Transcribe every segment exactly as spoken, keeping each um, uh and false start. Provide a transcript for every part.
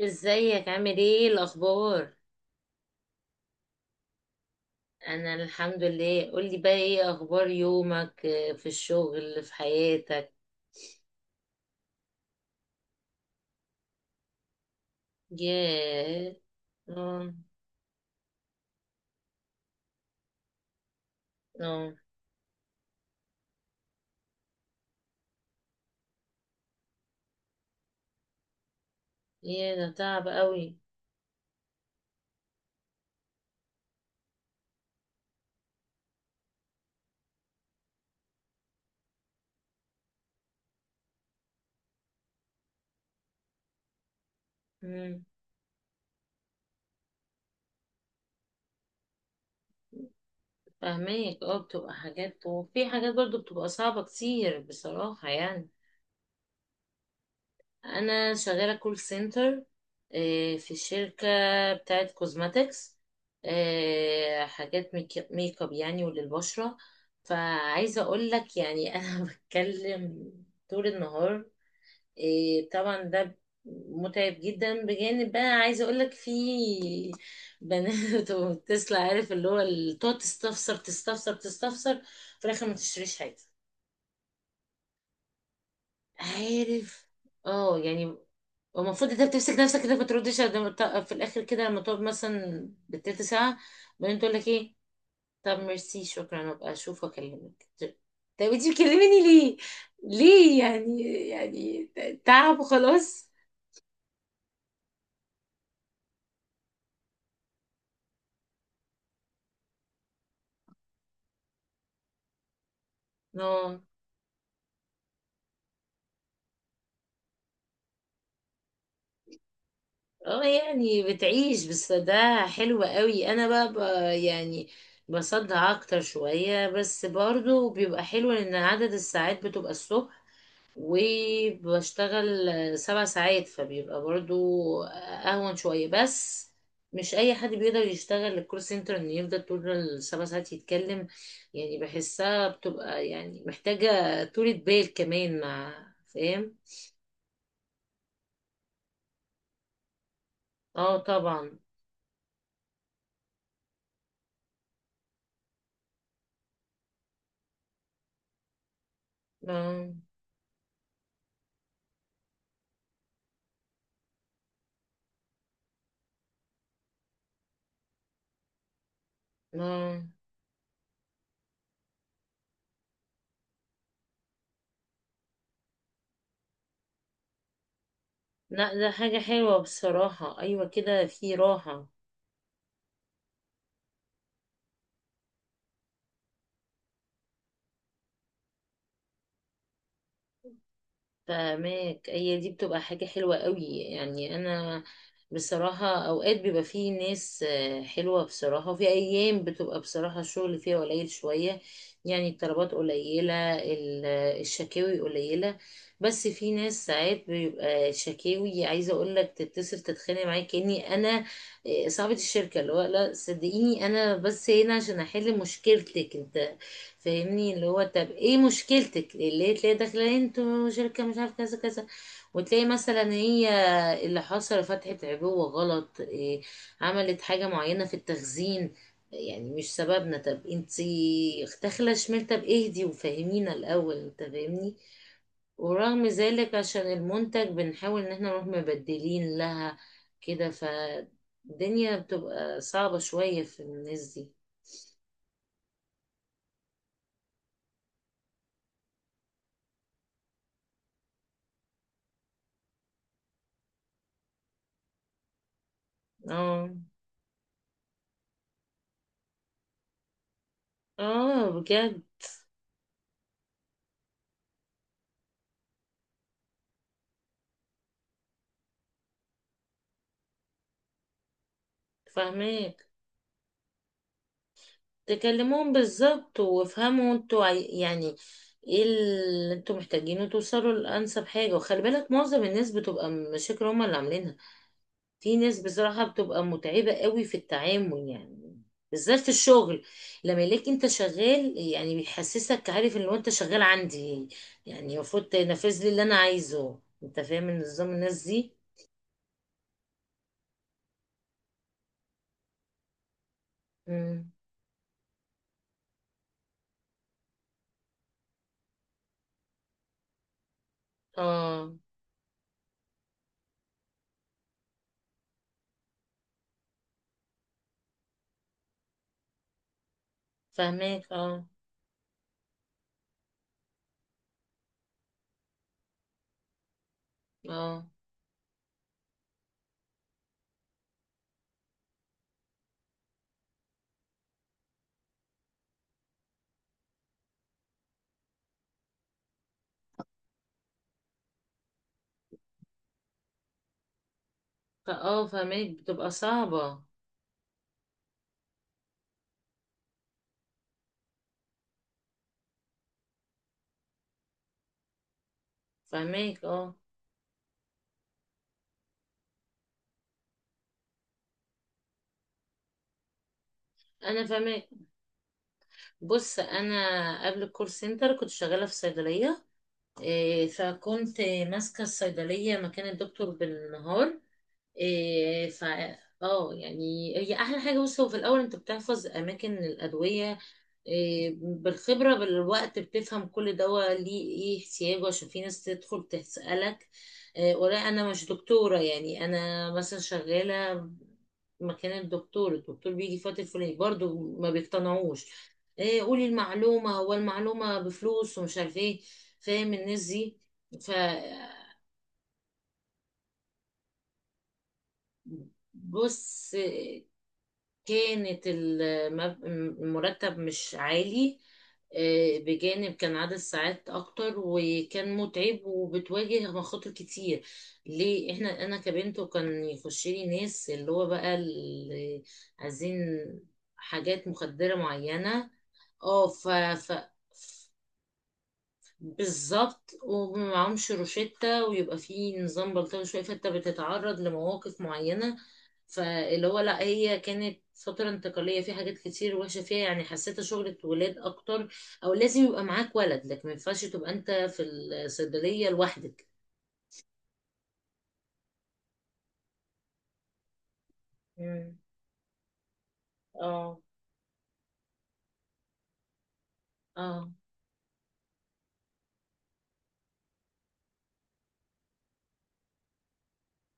ازيك؟ عامل ايه؟ الاخبار؟ انا الحمد لله. قولي بقى، ايه اخبار يومك؟ آه، في الشغل، في حياتك. ياه. اه. اه. ياه، ده تعب قوي. مم. فاهماك. اه بتبقى حاجات، وفي حاجات برضو بتبقى صعبة كتير بصراحة يعني. انا شغاله كول سنتر في شركه بتاعه كوزماتكس، حاجات ميك ميك اب يعني وللبشره. فعايزه اقول لك يعني انا بتكلم طول النهار. آه، طبعا ده متعب جدا. بجانب بقى عايزه اقول لك في بنات وتسلا، عارف اللي هو، ال- تقعد تستفسر تستفسر تستفسر، في الاخر ما تشتريش حاجه. عارف؟ اه يعني المفروض انت بتمسك نفسك كده ما تردش، لما ت- في الاخر كده لما تقعد مثلا بالتلت ساعه، بعدين تقول لك ايه؟ طب ميرسي شكرا ابقى اشوف واكلمك. طب انت بتكلميني ليه؟ ليه يعني؟ يعني ت- تعب وخلاص. اه اه يعني بتعيش، بس ده حلو قوي. انا بقى، بقى يعني بصدع اكتر شويه، بس برضو بيبقى حلو لان عدد الساعات بتبقى الصبح وبشتغل سبع ساعات، فبيبقى برضو اهون شوية. بس مش اي حد بيقدر يشتغل الكول سنتر انه يفضل طول السبع ساعات يتكلم. يعني بحسها بتبقى يعني محتاجة طولة بال كمان مع. فاهم؟ اه طبعا. اه اه. لا ده حاجة حلوة بصراحة. ايوه كده في راحة. فاهماك. هي دي بتبقى حاجة حلوة قوي يعني. أنا بصراحة أوقات بيبقى فيه ناس آه، حلوة بصراحة، وفي أيام بتبقى بصراحة الشغل فيها قليل شوية. يعني الطلبات قليلة، ال- الشكاوي قليلة. بس في ناس ساعات بيبقى شكاوي، عايزة أقولك، تتصل تتخانق معايا كأني أنا آه، صاحبة الشركة. اللي هو لا صدقيني أنا بس هنا عشان أحل مشكلتك أنت، فاهمني؟ اللي هو طب ايه مشكلتك اللي هي تلاقي داخله انتوا شركه مش عارف كذا كذا. وتلاقي مثلا هي اللي حصل فتحت عبوه غلط، إيه، عملت حاجه معينه في التخزين. يعني مش سببنا. طب انتي داخله شمال، طب اهدي وفهمينا الاول، انت فاهمني؟ ورغم ذلك عشان المنتج بنحاول ان احنا نروح مبدلين لها كده. فالدنيا بتبقى صعبة شوية في الناس دي. اه اه. بجد. فاهمين. تكلموهم بالظبط وافهموا انتوا عاي- يعني ايه اللي انتوا محتاجينه، توصلوا لانسب حاجه. وخلي بالك معظم الناس بتبقى مشاكل هما اللي عاملينها. في ناس بصراحه بتبقى متعبه قوي في التعامل يعني، بالذات في الشغل لما يلاقيك انت شغال يعني بيحسسك، عارف، ان هو انت شغال عندي، يعني المفروض تنفذ لي اللي انا عايزه. انت فاهم النظام الناس دي. مم. اه فاهماك. اه اه. فاه فاهماك بتبقى صعبه. فاهماك اه. انا فاهمك. بص انا قبل الكول سنتر كنت شغاله في صيدليه. إيه، فكنت ماسكه الصيدليه مكان الدكتور بالنهار. إيه ف. اه يعني هي احلى حاجه. بص هو في الاول انت بتحفظ اماكن الادويه، إيه، بالخبره بالوقت بتفهم كل دواء ليه ايه احتياجه. عشان في ناس تدخل تسالك، إيه، ولا انا مش دكتوره، يعني انا مثلا شغاله مكان الدكتور الدكتور بيجي في وقت الفلاني، برضه ما بيقتنعوش، إيه، قولي المعلومه، هو المعلومه بفلوس، ومش عارف ايه. فاهم الناس دي. ف. بص كانت المب- المرتب مش عالي. آه، بجانب كان عدد ساعات اكتر وكان متعب، وبتواجه مخاطر كتير. ليه؟ احنا انا كبنت، وكان يخش لي ناس اللي هو بقى اللي عايزين حاجات مخدرة معينة. اه ف, ف. بالظبط، ومعهمش روشتة، ويبقى في نظام بلطجي شوية، فانت بتتعرض لمواقف معينة. فاللي هو لا، هي كانت فترة انتقالية، في حاجات كتير وحشة فيها يعني، حسيتها شغلة ولاد أكتر. أو لازم يبقى معاك ولد لك، ما ينفعش تبقى أنت في الصيدلية لوحدك. مم. اه اه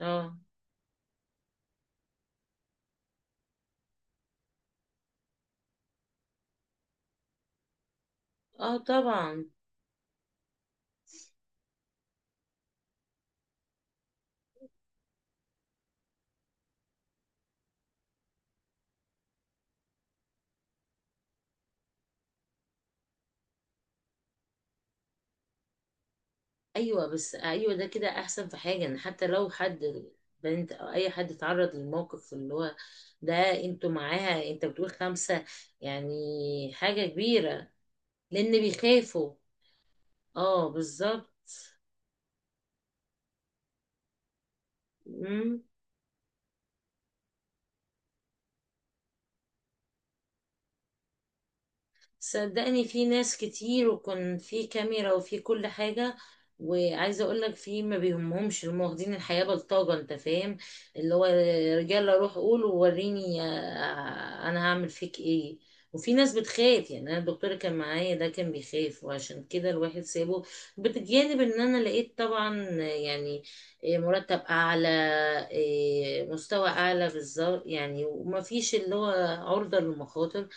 اه. اه طبعا. ايوه، بس ايوه ده كده احسن في حاجه، ان حتى لو حد بنت او اي حد اتعرض للموقف اللي هو ده، انتوا معاها، انت بتقول خمسه يعني حاجه كبيره، لان بيخافوا. اه بالظبط. صدقني في ناس كتير وكان في كاميرا وفي كل حاجة. وعايزة اقولك في ما بيهمهمش، هم واخدين الحياة بلطجة، انت فاهم؟ اللي هو رجالة، روح قول ووريني، آه، آه، انا هعمل فيك ايه. وفي ناس بتخاف. يعني انا الدكتور كان معايا ده كان بيخاف، وعشان كده الواحد سابه. بتجانب ان انا لقيت طبعا يعني، إيه، مرتب اعلى، إيه، مستوى اعلى بالظبط يعني، وما فيش اللي هو عرضة للمخاطر.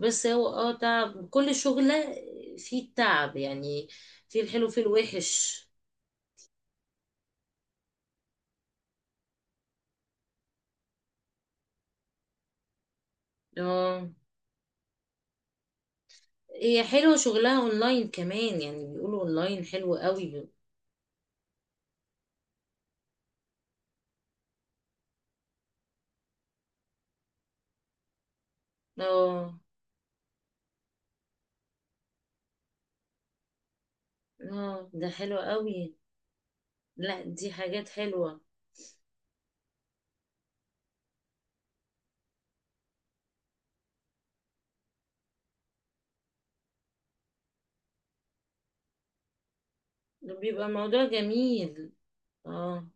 بس هو اه تعب كل شغلة فيه التعب يعني، فيه الحلو فيه الوحش. اه، هي حلوة شغلها اونلاين كمان يعني، بيقولوا اونلاين حلو قوي. اه اه ده حلو قوي. لا دي حاجات حلوة. بيبقى موضوع جميل. اه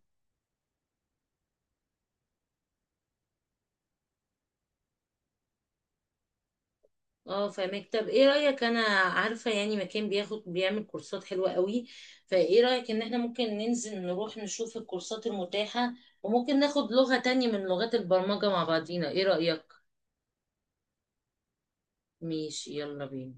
اه فاهمك. طب ايه رأيك، انا عارفة يعني مكان بياخد بيعمل كورسات حلوة قوي، فايه رأيك ان احنا ممكن ننزل نروح نشوف الكورسات المتاحة، وممكن ناخد لغة تانية من لغات البرمجة مع بعضينا؟ ايه رأيك؟ ماشي، يلا بينا.